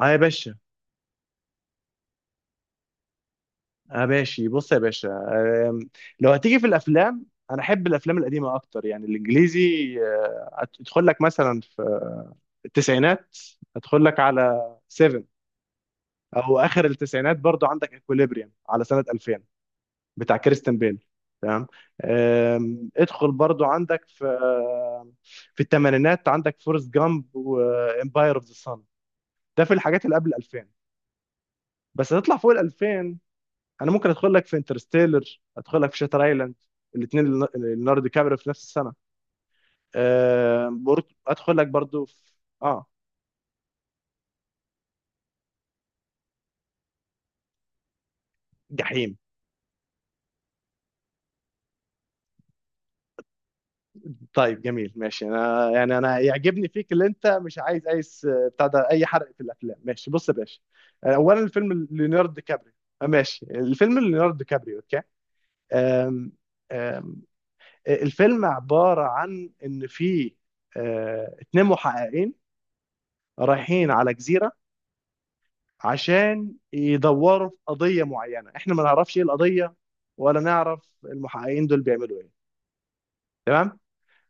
اه يا باشا. اه ماشي، بص يا باشا. آم، لو هتيجي في الافلام، انا احب الافلام القديمه اكتر يعني الانجليزي. آه، ادخل لك مثلا في التسعينات، ادخل لك على 7، او اخر التسعينات برضو عندك اكوليبريم على سنه 2000 بتاع كريستن بيل. تمام. ادخل برضو عندك في الثمانينات عندك فورست جامب وامباير اوف ذا سان. ده في الحاجات اللي قبل 2000، بس هتطلع فوق ال 2000. انا ممكن ادخل لك في انترستيلر، ادخل لك في شاتر ايلاند الاثنين، ليوناردو دي كابريو في نفس السنه. برضو ادخل لك برضو في اه جحيم. طيب جميل، ماشي. انا يعني انا يعجبني فيك اللي انت مش عايز اي بتاع ده، اي حرق في الافلام. ماشي بص يا باشا. اولا الفيلم ليوناردو دي كابريو. ماشي، الفيلم ليوناردو دي كابريو، اوكي. آم، آم، الفيلم عباره عن ان في اتنين محققين رايحين على جزيره عشان يدوروا في قضية معينة. احنا ما نعرفش ايه القضية، ولا نعرف المحققين دول بيعملوا ايه. تمام.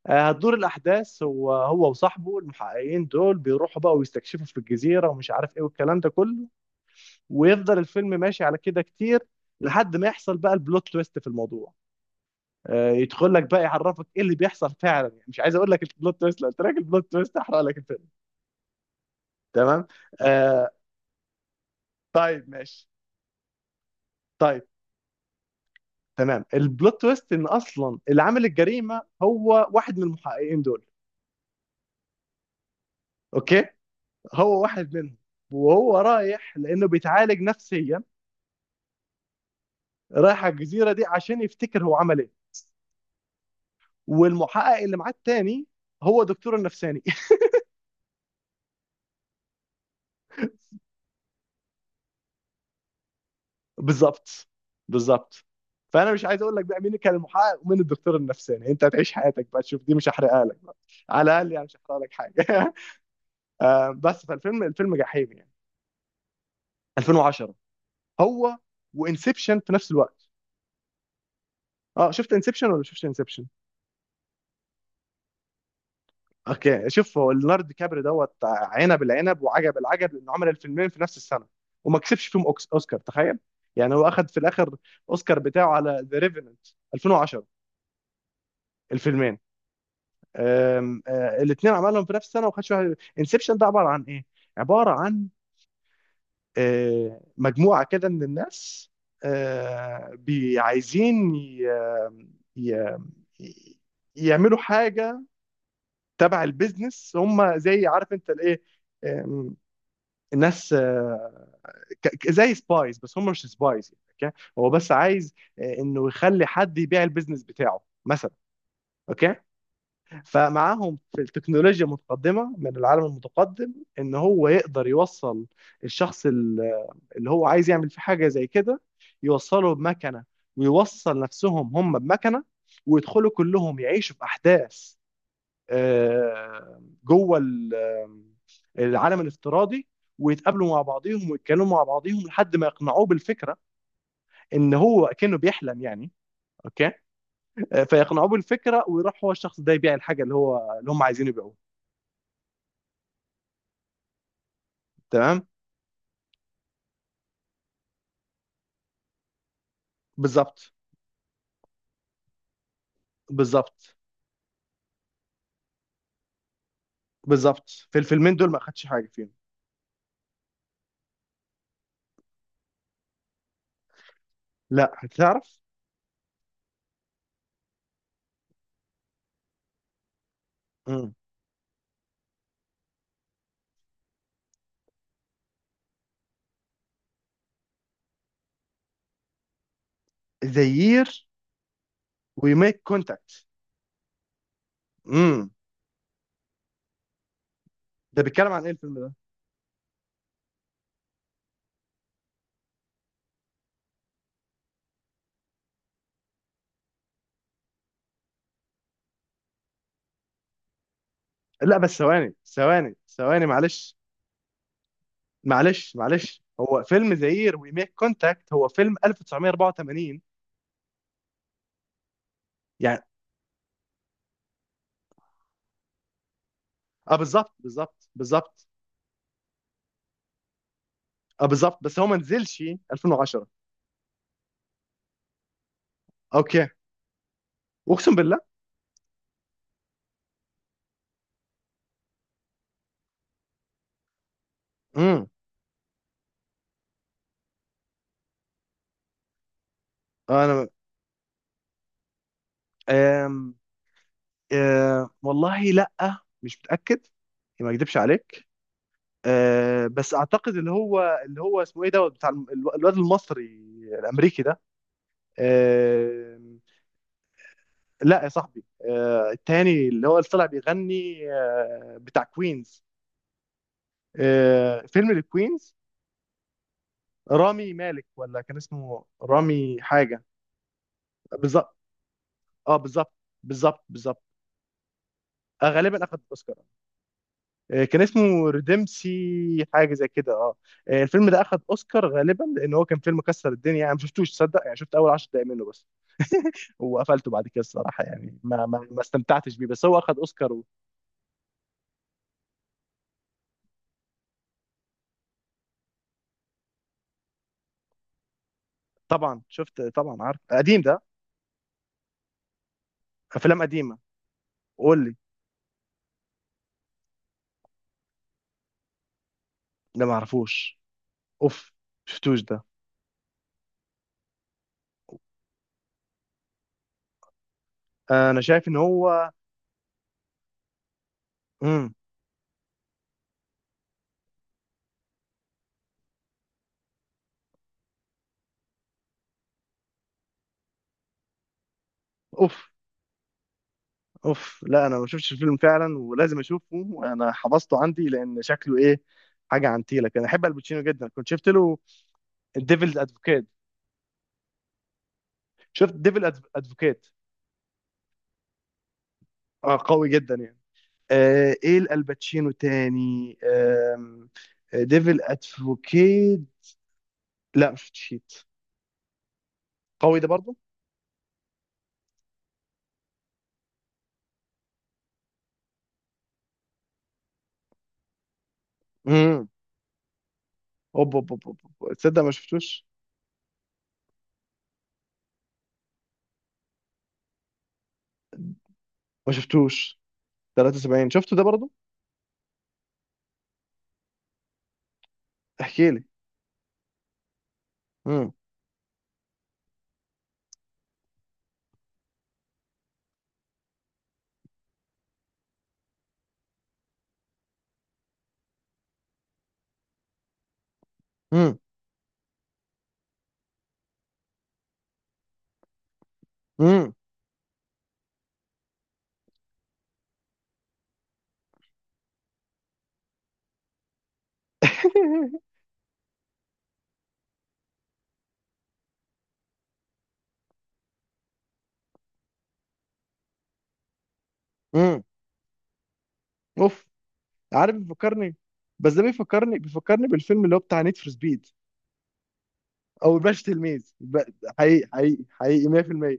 هتدور الاحداث. هو وصاحبه المحققين دول بيروحوا بقى ويستكشفوا في الجزيرة ومش عارف ايه والكلام ده كله. ويفضل الفيلم ماشي على كده كتير لحد ما يحصل بقى البلوت تويست في الموضوع. يدخل لك بقى يعرفك ايه اللي بيحصل فعلا. يعني مش عايز اقول لك البلوت تويست، لو قلت لك البلوت تويست هحرق لك الفيلم. تمام. آه طيب ماشي. طيب. تمام، البلوت تويست ان اصلا اللي عامل الجريمه هو واحد من المحققين دول. اوكي، هو واحد منهم، وهو رايح لانه بيتعالج نفسيا، رايح على الجزيره دي عشان يفتكر هو عمل ايه. والمحقق اللي معاه التاني هو دكتور النفساني بالظبط، بالظبط. فانا مش عايز اقول لك بقى مين كان المحقق ومين الدكتور النفساني، انت هتعيش حياتك بقى تشوف دي، مش هحرقها لك بقى. على الاقل يعني مش هحرق لك حاجه بس الفيلم جحيم يعني. 2010، هو وانسبشن في نفس الوقت. اه شفت انسبشن ولا شفتش انسبشن؟ اوكي، شوف، هو ليوناردو دي كابري دوت عنب العنب وعجب العجب لانه عمل الفيلمين في نفس السنه وما كسبش فيهم اوسكار، تخيل. يعني هو اخذ في الاخر اوسكار بتاعه على ذا ريفيننت 2010. الفيلمين الاثنين عملهم في نفس السنه وما خدش واحد. انسبشن ده عباره عن ايه؟ عباره عن مجموعه كده من الناس، عايزين ي- يعملوا حاجة تبع البيزنس، هم زي عارف انت الايه. آم، الناس زي سبايز بس هم مش سبايز يعني. اوكي، هو بس عايز انه يخلي حد يبيع البيزنس بتاعه مثلا. اوكي، فمعاهم في التكنولوجيا متقدمه من العالم المتقدم، ان هو يقدر يوصل الشخص اللي هو عايز يعمل فيه حاجه زي كده، يوصله بمكنه، ويوصل نفسهم هم بمكنه، ويدخلوا كلهم يعيشوا في احداث جوه العالم الافتراضي، ويتقابلوا مع بعضيهم ويتكلموا مع بعضيهم لحد ما يقنعوه بالفكره ان هو كانه بيحلم يعني. اوكي. فيقنعوه بالفكره ويروح هو الشخص ده يبيع الحاجه اللي هم عايزين يبيعوها. تمام. بالظبط. بالظبط. بالظبط، في الفيلمين دول ما خدش حاجه فيهم. لا هتعرف. امم. ذا يير وي ميك كونتاكت. امم. ده بيتكلم عن ايه الفيلم ده؟ لا بس ثواني ثواني ثواني، معلش معلش معلش، هو فيلم ذا يير وي ميك كونتاكت هو فيلم 1984 يعني. اه بالظبط بالظبط بالظبط. اه بالظبط بس هو ما نزلش 2010. اوكي، اقسم بالله. امم. انا أم... والله لا، مش متاكد، ما اكدبش عليك. بس اعتقد اللي هو اسمه ايه دوت، بتاع الواد المصري الامريكي ده. أه لا يا صاحبي. التاني اللي طلع بيغني، بتاع كوينز. فيلم الكوينز. رامي مالك ولا كان اسمه رامي حاجه. بالظبط. اه بالظبط. بالظبط بالظبط. غالبا اخد اوسكار. كان اسمه ريديمسي حاجه زي كده، اه. الفيلم ده اخد اوسكار غالبا لان هو كان فيلم كسر الدنيا. انا ما شفتوش، تصدق. يعني شفت اول 10 دقايق منه بس، وقفلته بعد كده الصراحه. يعني ما استمتعتش بيه. بس هو اخد اوسكار و... طبعا شفت، طبعا عارف قديم ده. افلام قديمه. قول لي. ده ما اعرفوش. اوف. شفتوش ده. انا شايف ان هو. امم. اوف. اوف لا، انا ما شفتش الفيلم فعلا، ولازم اشوفه، انا حفظته عندي لان شكله ايه. حاجه عن تيلك. انا احب الباتشينو جدا. كنت شفت له الديفلز ادفوكيت. شفت ديفل ادفوكيت. اه، قوي جدا يعني. ايه الباتشينو تاني. ديفل ادفوكيت. لا، ما شفتش هيت، قوي ده برضه. امم. اوب اوب اوب أوب، أوب. تصدق ما شفتوش. ما شفتوش. 73، شفته ده برضه. احكي لي. امم. امم. امم. اوف. عارف بيفكرني. بس ده بيفكرني بيفكرني بالفيلم اللي هو بتاع نيد فور سبيد، او الباشا تلميذ حقيقي حقيقي حقيقي 100%.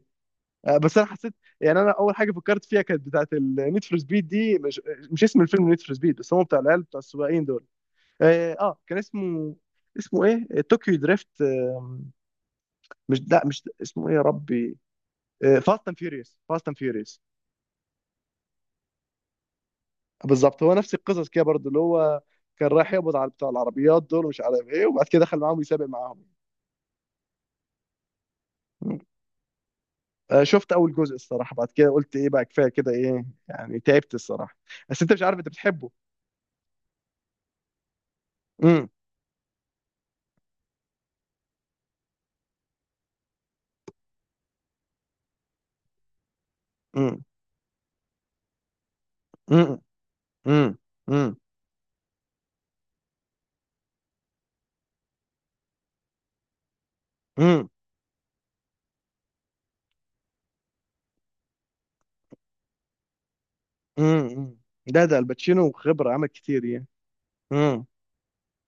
بس انا حسيت يعني. انا اول حاجه فكرت فيها كانت بتاعت النيد فور سبيد دي. مش اسم الفيلم نيد فور سبيد، بس هو بتاع العيال بتاع السواقين دول. اه. كان اسمه ايه، طوكيو دريفت. مش، لا، مش اسمه ايه يا ربي. فاست اند فيوريوس فاست اند فيوريوس. بالظبط، هو نفس القصص كده برضه، اللي هو كان رايح يقبض على بتاع العربيات دول مش عارف ايه، وبعد كده دخل معاهم يسابق معاهم. شفت اول جزء الصراحه، بعد كده قلت ايه بقى، كفايه كده، ايه يعني، تعبت الصراحه. بس انت مش عارف انت بتحبه. امم. امم. امم. امم. امم. امم. امم. ده الباتشينو، خبره عمل كتير يعني. امم.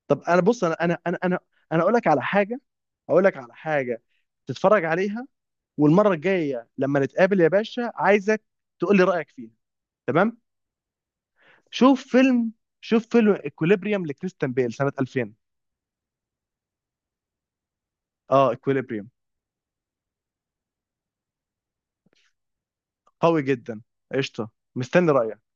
طب انا بص، انا اقول لك على حاجه، اقول لك على حاجه تتفرج عليها، والمره الجايه لما نتقابل يا باشا عايزك تقول لي رايك فيها. تمام. شوف فيلم شوف فيلم اكوليبريم لكريستيان بيل سنه 2000. اه اكوليبريم. قوي جدا. قشطه. مستني رايك.